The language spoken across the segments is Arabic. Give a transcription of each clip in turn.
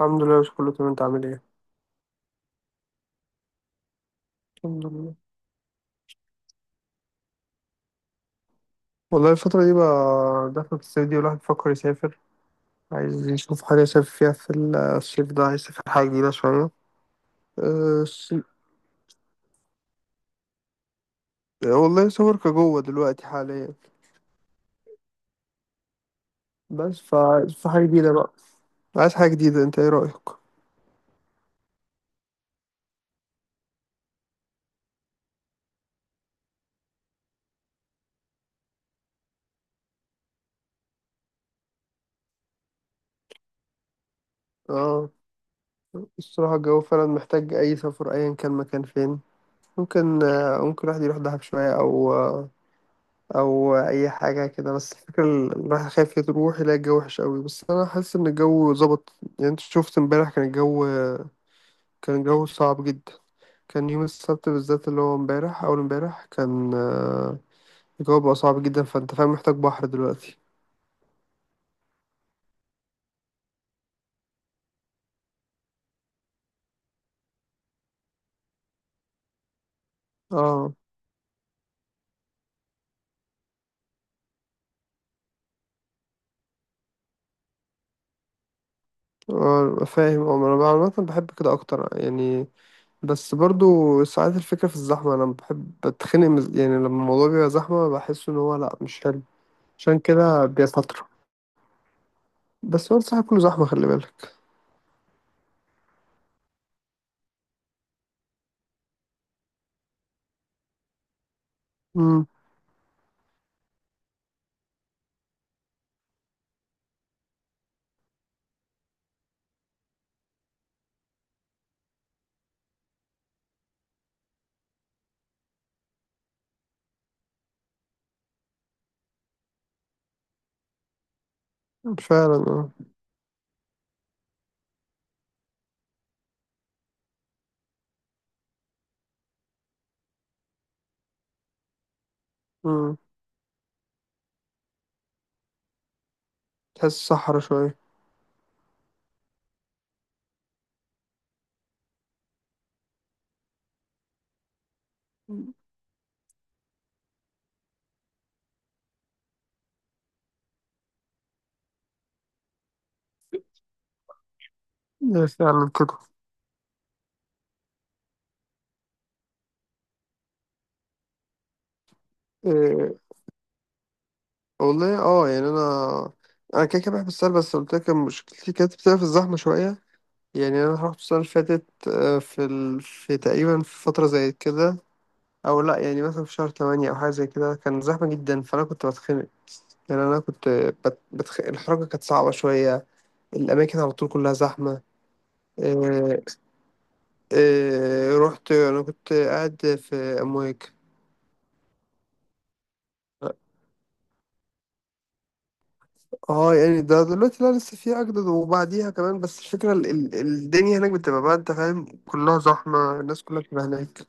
الحمد لله، مش كله تمام. انت عامل ايه؟ الحمد لله. والله الفترة دي بقى دخلت الصيف دي والواحد بيفكر يسافر، عايز يشوف حاجة يسافر فيها في الصيف ده، عايز يسافر حاجة جديدة شوية. أه الص- والله سافر كجوه دلوقتي حاليا، بس فعايز في حاجة جديدة بقى. عايز حاجة جديدة، انت ايه رأيك؟ اه الصراحة الجو فعلا محتاج أي سفر أيا كان مكان فين. ممكن ممكن الواحد يروح دهب شوية أو او اي حاجه كده، بس الفكره الواحد خايف يروح يلاقي الجو وحش قوي، بس انا حاسس ان الجو ظبط. يعني انت شفت امبارح كان الجو، كان الجو صعب جدا. كان يوم السبت بالذات اللي هو امبارح اول امبارح، كان الجو بقى صعب جدا، فانت فاهم محتاج بحر دلوقتي. اه. فاهم. اه انا عامه بحب كده اكتر يعني، بس برضو ساعات الفكره في الزحمه، انا بحب بتخنق يعني لما الموضوع بيبقى زحمه بحس ان هو لا مش حلو. عشان كده بيستطر، بس هو الصراحه كله زحمه خلي بالك. إمم، فعلًا. إمم، تحس صحرا شوية. هي فعلًا كده. آآ والله يعني أنا، أنا كده باحب السهر، بس قُلت لك مشكلتي كانت بتبقى في الزحمة شوية. يعني أنا رُحت السنة اللي فاتت، في ال تقريبًا في فترة زي كده، أو لأ، يعني مثلًا في شهر 8 أو حاجة زي كده، كان زحمة جدًا، فأنا كنت باتخنق. يعني أنا كنت بت بتخ الحركة كانت صعبة شوية، الأماكن على طول كلّها زحمة. آآ رُحت، أنا كنت قاعد في أمواج. اه يعني ده دلوقتي لا لسه في اجدد، وبعديها كمان، بس الفكره ال الدنيا هناك بتبقى بقى انت فاهم كلها زحمه، الناس كلها بتبقى هناك.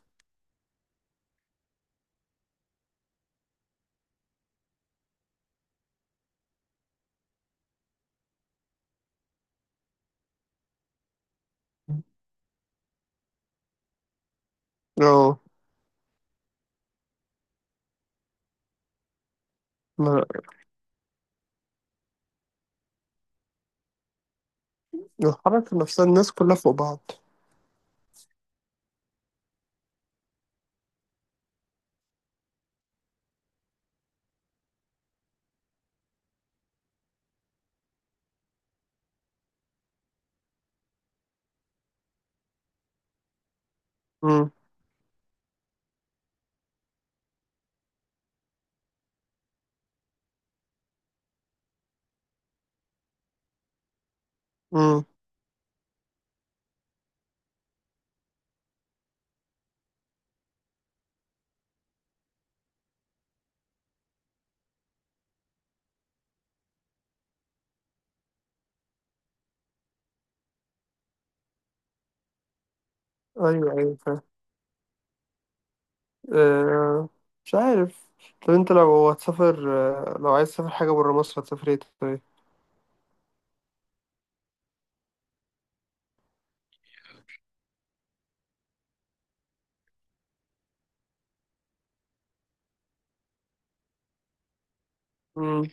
اه. ما- الحركه نفسها الناس كلها فوق بعض. امم. امم. ايوه ايوه فاهم. آه. مش عارف، طب انت لو هتسافر، لو عايز تسافر حاجه بره مصر هتسافر ايه طيب؟ امم.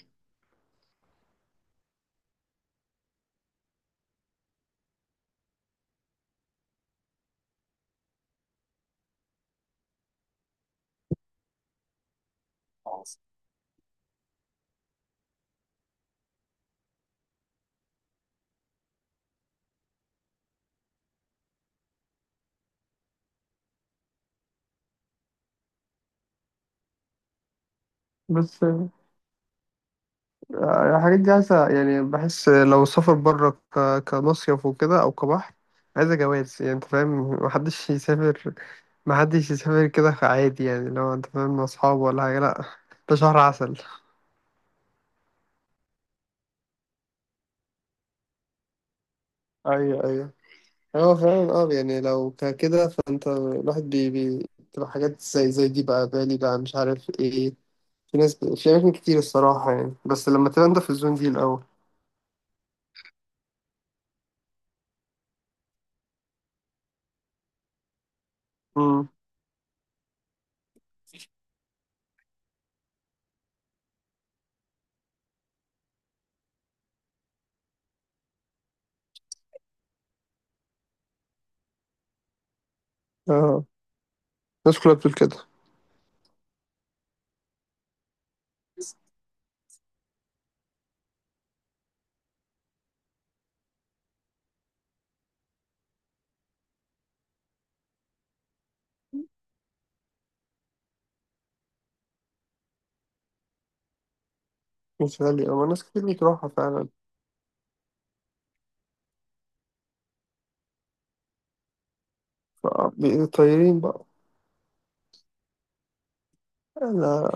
بس الحاجات دي عايزة يعني، بحس لو سافر بره كمصيف وكده أو كبحر، عايزة جواز يعني أنت فاهم، محدش يسافر، محدش يسافر كده عادي يعني، لو أنت فاهم مع أصحابه ولا حاجة، لأ ده شهر عسل. ايوه ايوه. هو فعلا اه يعني لو كده، فانت الواحد بي تبقى حاجات زي دي بقى، بالي بقى مش عارف ايه، في ناس في اماكن كتير الصراحه، يعني بس لما تبقى انت في الزون دي الاول. امم. اه الناس كلها بتقول كده. مش غالي اه، ناس كتير بتروحها فعلا. بقى طايرين بقى. انا.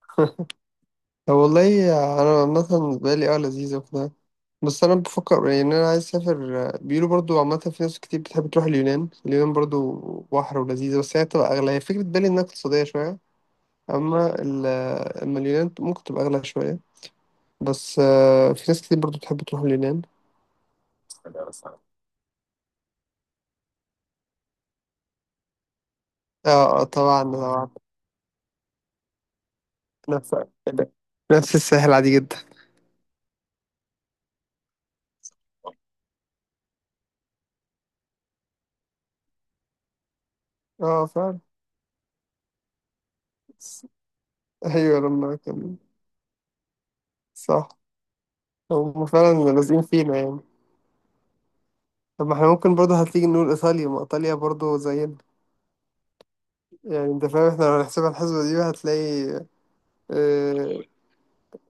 والله، انا مثلا بالي اه لذيذه وكده، بس انا بفكر يعني إن انا عايز اسافر، بيقولوا برضو عامه في ناس كتير بتحب تروح اليونان، اليونان برضو بحر ولذيذه، بس هي تبقى اغلى، هي فكره بالي انها اقتصاديه شويه. اما ال- اما اليونان ممكن تبقى اغلى شويه، بس في ناس كتير برضو بتحب تروح اليونان. اه طبعا طبعا. نفس نفس الساحل عادي جدا. اه فعلا. ايوه لما كان. صح. هم فعلا لازقين فينا يعني. طب ما احنا ممكن برضه هتيجي نقول ايطاليا، ما ايطاليا برضه زينا. يعني انت فاهم احنا لو هنحسبها الحسبة دي هتلاقي اه.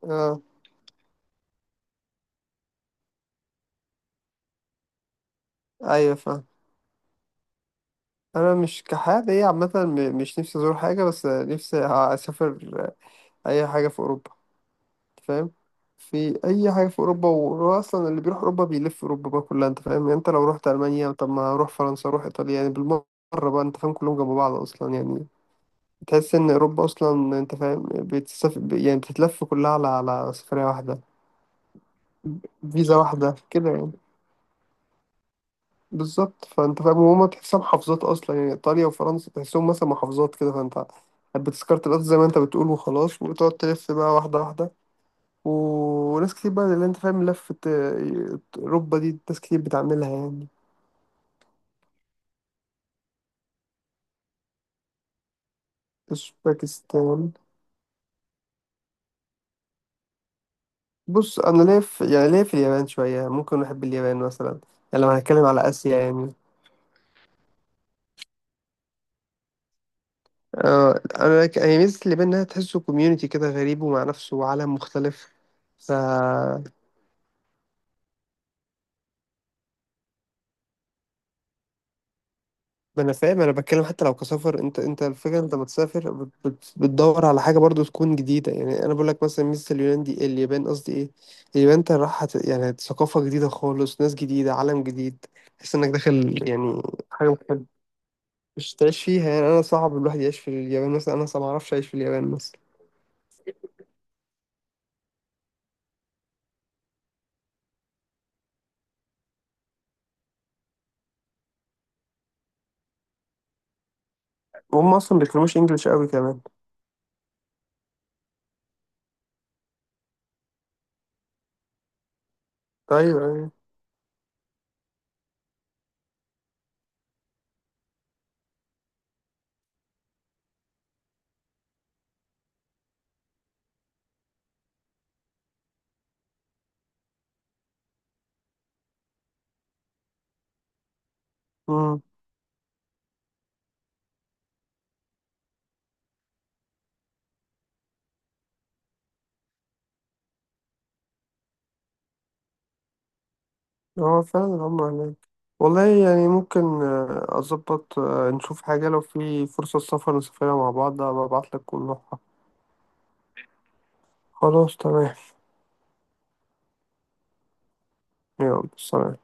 اه ايوه فاهم. انا مش كحاجة ايه عامة، مش نفسي ازور حاجة بس نفسي اسافر، اي حاجة في اوروبا، أنت فاهم، في اي حاجة في اوروبا، وهو اصلا اللي بيروح اوروبا بيلف اوروبا بقى كلها انت فاهم، يعني انت لو رحت المانيا طب ما اروح فرنسا اروح ايطاليا يعني بالمرة، بقى انت فاهم كلهم جنب بعض اصلا يعني، تحس ان اوروبا اصلا انت فاهم بتسافر يعني بتتلف كلها على سفريه واحده، فيزا واحده كده يعني. بالظبط، فانت فاهم وهما تحسها محافظات اصلا يعني، ايطاليا وفرنسا تحسهم مثلا محافظات كده، فانت بتذكرة القطر زي ما انت بتقول وخلاص، وتقعد تلف بقى واحده واحده. وناس كتير بقى اللي انت فاهم لفه اوروبا دي ناس كتير بتعملها يعني. اوزبكستان؟ بص انا ليا في يعني ليا في اليابان شويه، ممكن احب اليابان مثلا، يعني لو هنتكلم على اسيا يعني. اه انا هي ميزة اللي بينها تحسه كوميونيتي كده، غريب ومع نفسه وعالم مختلف. ف، ما انا فاهم، انا بتكلم حتى لو كسفر، انت الفكره انت بتسافر بتدور على حاجه برضو تكون جديده، يعني انا بقول لك مثلا ميزه اليونان دي، اليابان قصدي ايه. اليابان انت راح يعني ثقافه جديده خالص، ناس جديده، عالم جديد، تحس انك داخل يعني حاجه مختلفه، مش تعيش فيها يعني، انا صعب الواحد يعيش في اليابان مثلا، انا اصلا ما اعرفش اعيش في اليابان مثلا. وهم اصلا ما بيتكلموش انجلش قوي كمان. طيب. هو فعلا هم هناك. والله يعني ممكن أظبط، نشوف حاجة لو في فرصة سفر نسافرها مع بعض، أبقى أبعتلك ونروحها. خلاص تمام. يلا سلام.